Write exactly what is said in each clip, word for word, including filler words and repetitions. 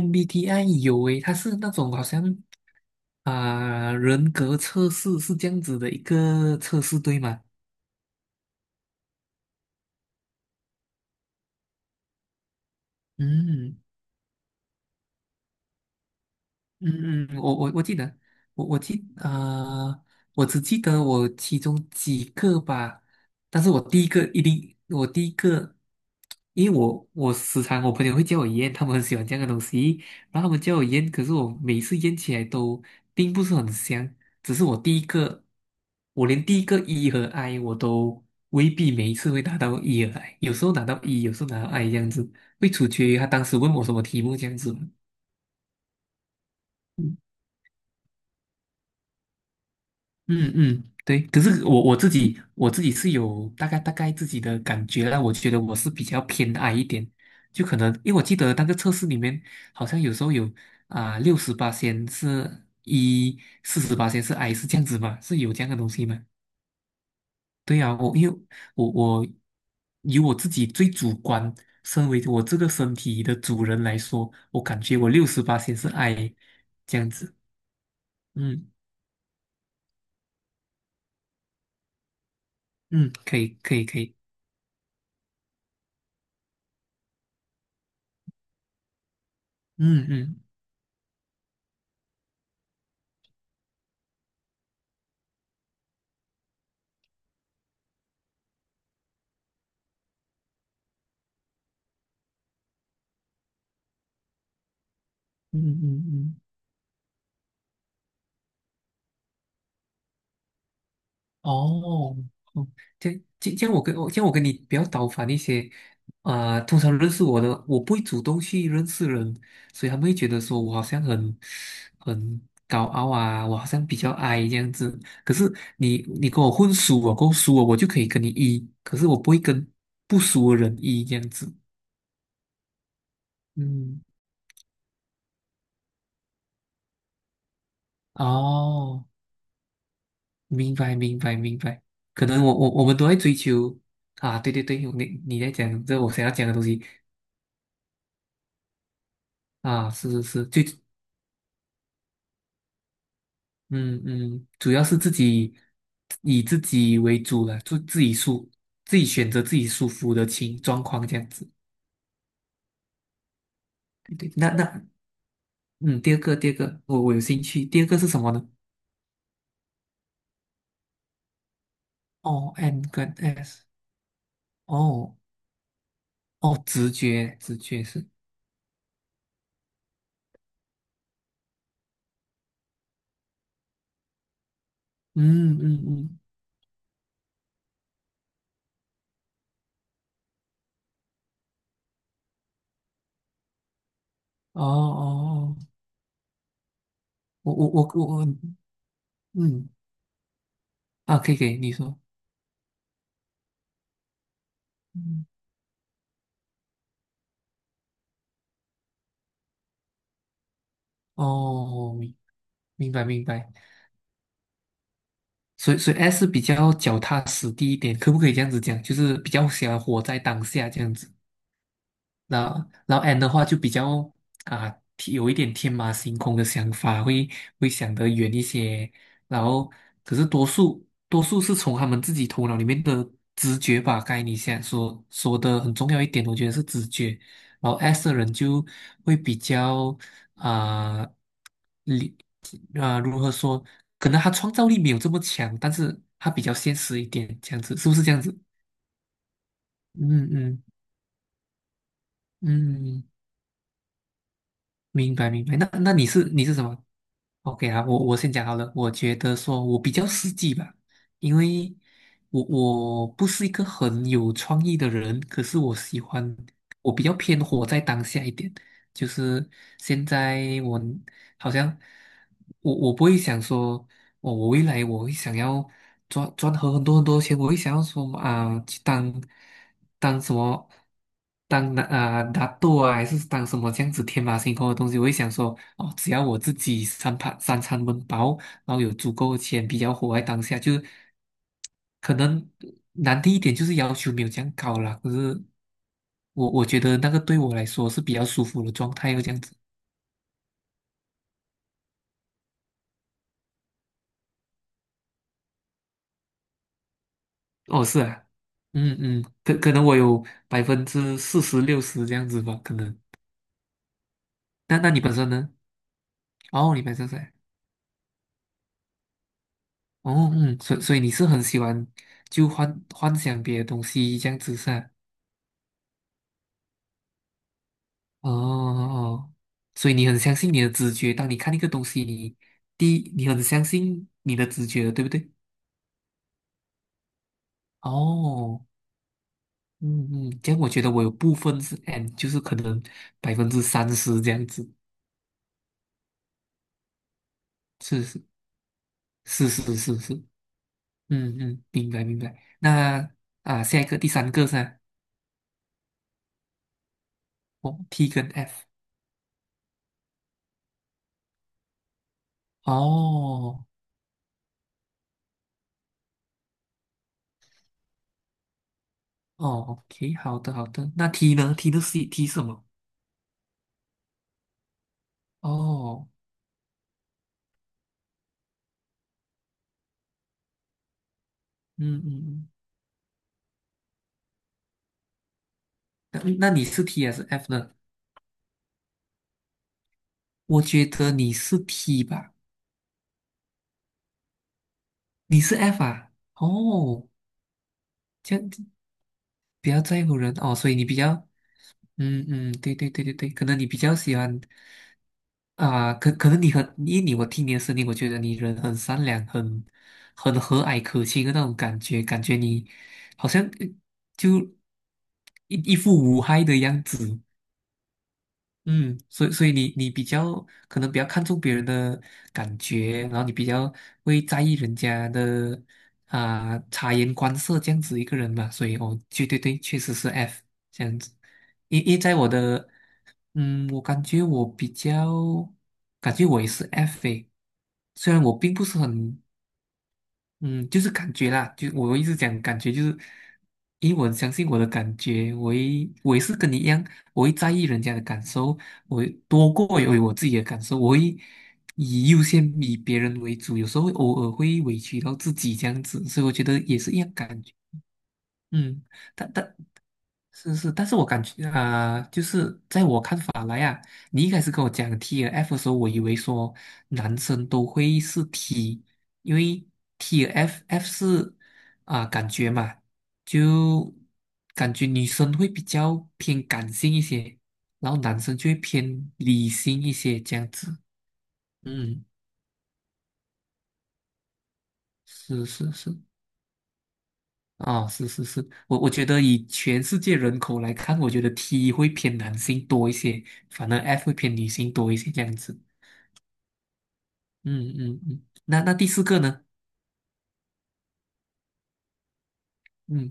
M B T I 有诶，它是那种好像啊、人格测试是这样子的一个测试，对吗？嗯嗯嗯，我我我记得，我我记啊，我只记得我其中几个吧，但是我第一个一定，我第一个，因为我我时常我朋友会叫我验，他们很喜欢这样的东西，然后他们叫我验，可是我每次验起来都并不是很香，只是我第一个，我连第一个 E 和 I 我都未必每一次会拿到 E 和 I，有时候拿到 E，有时候拿到 I 这样子，会取决于他当时问我什么题目这样子。嗯嗯，对。可是我我自己我自己是有大概大概自己的感觉啦，我觉得我是比较偏矮一点，就可能因为我记得那个测试里面好像有时候有啊六十八仙是一，四十八仙是 I 是这样子嘛，是有这样的东西吗？对啊，我因为我我以我自己最主观，身为我这个身体的主人来说，我感觉我六十八仙是 I 这样子。嗯嗯，可以可以可以，嗯嗯嗯嗯嗯。嗯哦，哦，这这这样我跟我这样我跟你比较倒反一些，啊、通常认识我的，我不会主动去认识人，所以他们会觉得说我好像很很高傲啊，我好像比较矮这样子。可是你你跟我混熟我够熟了，我就可以跟你一，可是我不会跟不熟的人一这样子。嗯，哦，明白明白明白，可能我我我们都在追求啊，对对对，你你在讲这我想要讲的东西。啊，是是是，最，嗯嗯，主要是自己以自己为主了，就自己舒，自己选择自己舒服的情状况这样子。对对，那那，嗯，第二个第二个，我我有兴趣。第二个是什么呢？哦，N 跟 S，哦哦，直觉直觉是，嗯嗯嗯，哦哦哦，我我我我，我嗯啊，可以可以，你说，嗯，哦，明明白明白。所以所以 S 比较脚踏实地一点，可不可以这样子讲？就是比较喜欢活在当下这样子。那然后 N 的话就比较啊，有一点天马行空的想法，会会想得远一些。然后，可是多数多数是从他们自己头脑里面的直觉吧。刚才你想说说的很重要一点，我觉得是直觉。然后 S 的人就会比较啊，理、啊、如何说？可能他创造力没有这么强，但是他比较现实一点，这样子是不是这样子？嗯嗯嗯。明白明白。那那你是你是什么？OK 啊，我我先讲好了。我觉得说我比较实际吧，因为我我不是一个很有创意的人，可是我喜欢，我比较偏活在当下一点。就是现在我好像我我不会想说。我我未来我会想要赚赚很很多很多钱，我会想要说啊、去当当什么当那啊拿豆啊，还是当什么这样子天马行空的东西，我会想说哦，只要我自己三盘三餐温饱，然后有足够的钱，比较活在当下，就是可能难听一点，就是要求没有这样高啦。可是我我觉得那个对我来说是比较舒服的状态，又这样子。哦，是啊，嗯嗯，可可能我有百分之四十六十这样子吧，可能。那那你本身呢？哦，你本身在，哦嗯，所以所以你是很喜欢就幻幻想别的东西这样子噻、啊哦哦，所以你很相信你的直觉，当你看一个东西，你第一你很相信你的直觉的对不对？哦，嗯嗯，这样我觉得我有部分是 N，就是可能百分之三十这样子，是是是是是是。嗯嗯，明白明白。那啊，下一个第三个是吧哦，T 跟 F。哦哦，OK，好的好的。那 T 呢？T 的是 T 是什么？哦，嗯嗯嗯。那嗯那你是 T 还是 F 呢？我觉得你是 T 吧，你是 F 啊？哦，这样子比较在乎人哦，所以你比较嗯嗯，对对对对对，可能你比较喜欢啊，可可能你很，因为你我听你的声音，我觉得你人很善良，很很和蔼可亲的那种感觉，感觉你好像呃就一一副无害的样子，嗯，所以所以你你比较可能比较看重别人的感觉，然后你比较会在意人家的啊、察言观色这样子一个人嘛，所以哦，对对对，确实是 F 这样子。因因为在我的嗯，我感觉我比较，感觉我也是 F 诶，虽然我并不是很，嗯，就是感觉啦，就我一直讲感觉，就是因为我很相信我的感觉，我也我也是跟你一样，我会在意人家的感受，我会多过于我自己的感受，我会以优先以别人为主，有时候会偶尔会委屈到自己这样子，所以我觉得也是一样感觉。嗯，但但是是，但是我感觉啊、呃就是在我看法来啊，你一开始跟我讲 T F 的时候，我以为说男生都会是 T，因为 TF F 是啊、感觉嘛，就感觉女生会比较偏感性一些，然后男生就会偏理性一些这样子。嗯，是是是，啊，是是是，我我觉得以全世界人口来看，我觉得 T 会偏男性多一些，反而 F 会偏女性多一些这样子。嗯嗯嗯，那那第四个呢？嗯，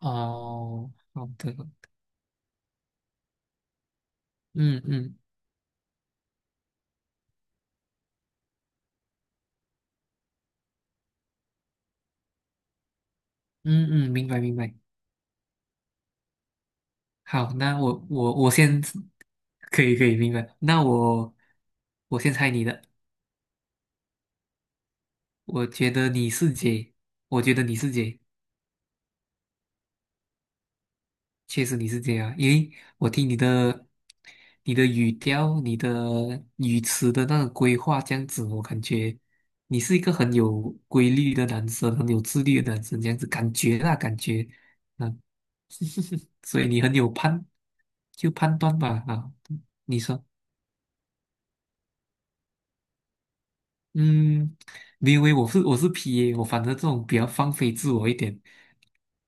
哦，好的，嗯嗯嗯嗯，明白明白。好，那我我我先，可以可以明白。那我我先猜你的，我觉得你是姐，我觉得你是姐。确实你是这样，因为我听你的、你的语调、你的语词的那个规划这样子，我感觉你是一个很有规律的男生，很有自律的男生，这样子感觉啦，感觉，嗯，所以你很有判，就判断吧，啊，你说。嗯，你以为我是我是 P A，我反正这种比较放飞自我一点，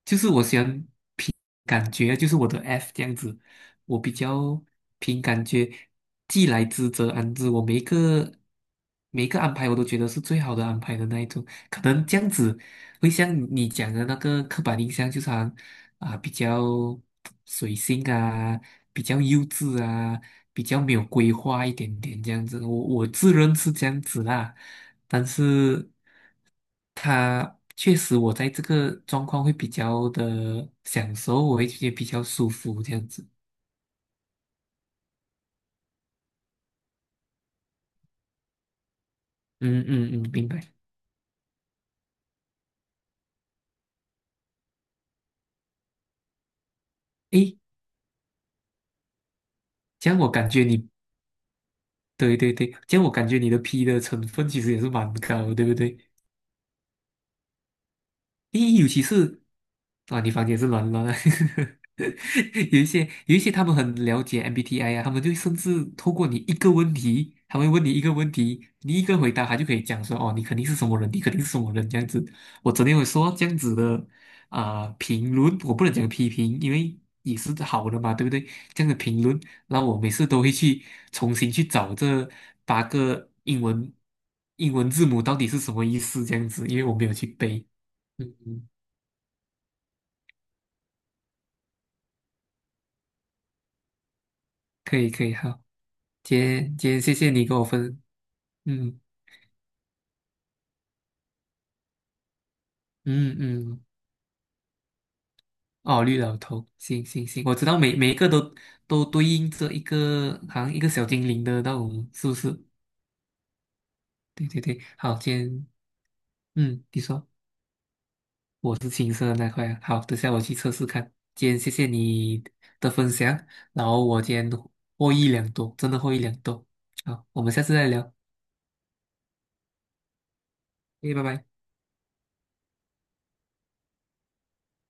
就是我喜欢凭感觉啊，就是我的 F 这样子，我比较凭感觉，既来之则安之，我每一个每一个安排我都觉得是最好的安排的那一种，可能这样子会像你讲的那个刻板印象，就是好像啊比较随性啊，比较幼稚啊，比较没有规划一点点这样子。我我自认是这样子啦，但是他确实我在这个状况会比较的享受，我会觉得比较舒服这样子。嗯嗯嗯，明白。诶，这样我感觉你，对对对，这样我感觉你的 P 的成分其实也是蛮高，对不对？咦，尤其是啊，你房间是乱乱的，有一些有一些他们很了解 M B T I 啊，他们就甚至透过你一个问题，他会问你一个问题，你一个回答，他就可以讲说哦，你肯定是什么人，你肯定是什么人这样子。我昨天有说这样子的啊、评论，我不能讲批评，因为也是好的嘛，对不对？这样的评论，然后我每次都会去重新去找这八个英文英文字母到底是什么意思，这样子，因为我没有去背。嗯嗯可以可以，好，今天今天谢谢你跟我分，嗯嗯嗯，哦，绿老头，行行行，我知道每每一个都都对应着一个好像一个小精灵的那种，是不是？对对对，好，今天嗯，你说我是青色的那块啊，好，等下我去测试看。今天谢谢你的分享，然后我今天获益良多，真的获益良多。好，我们下次再聊，诶，拜拜。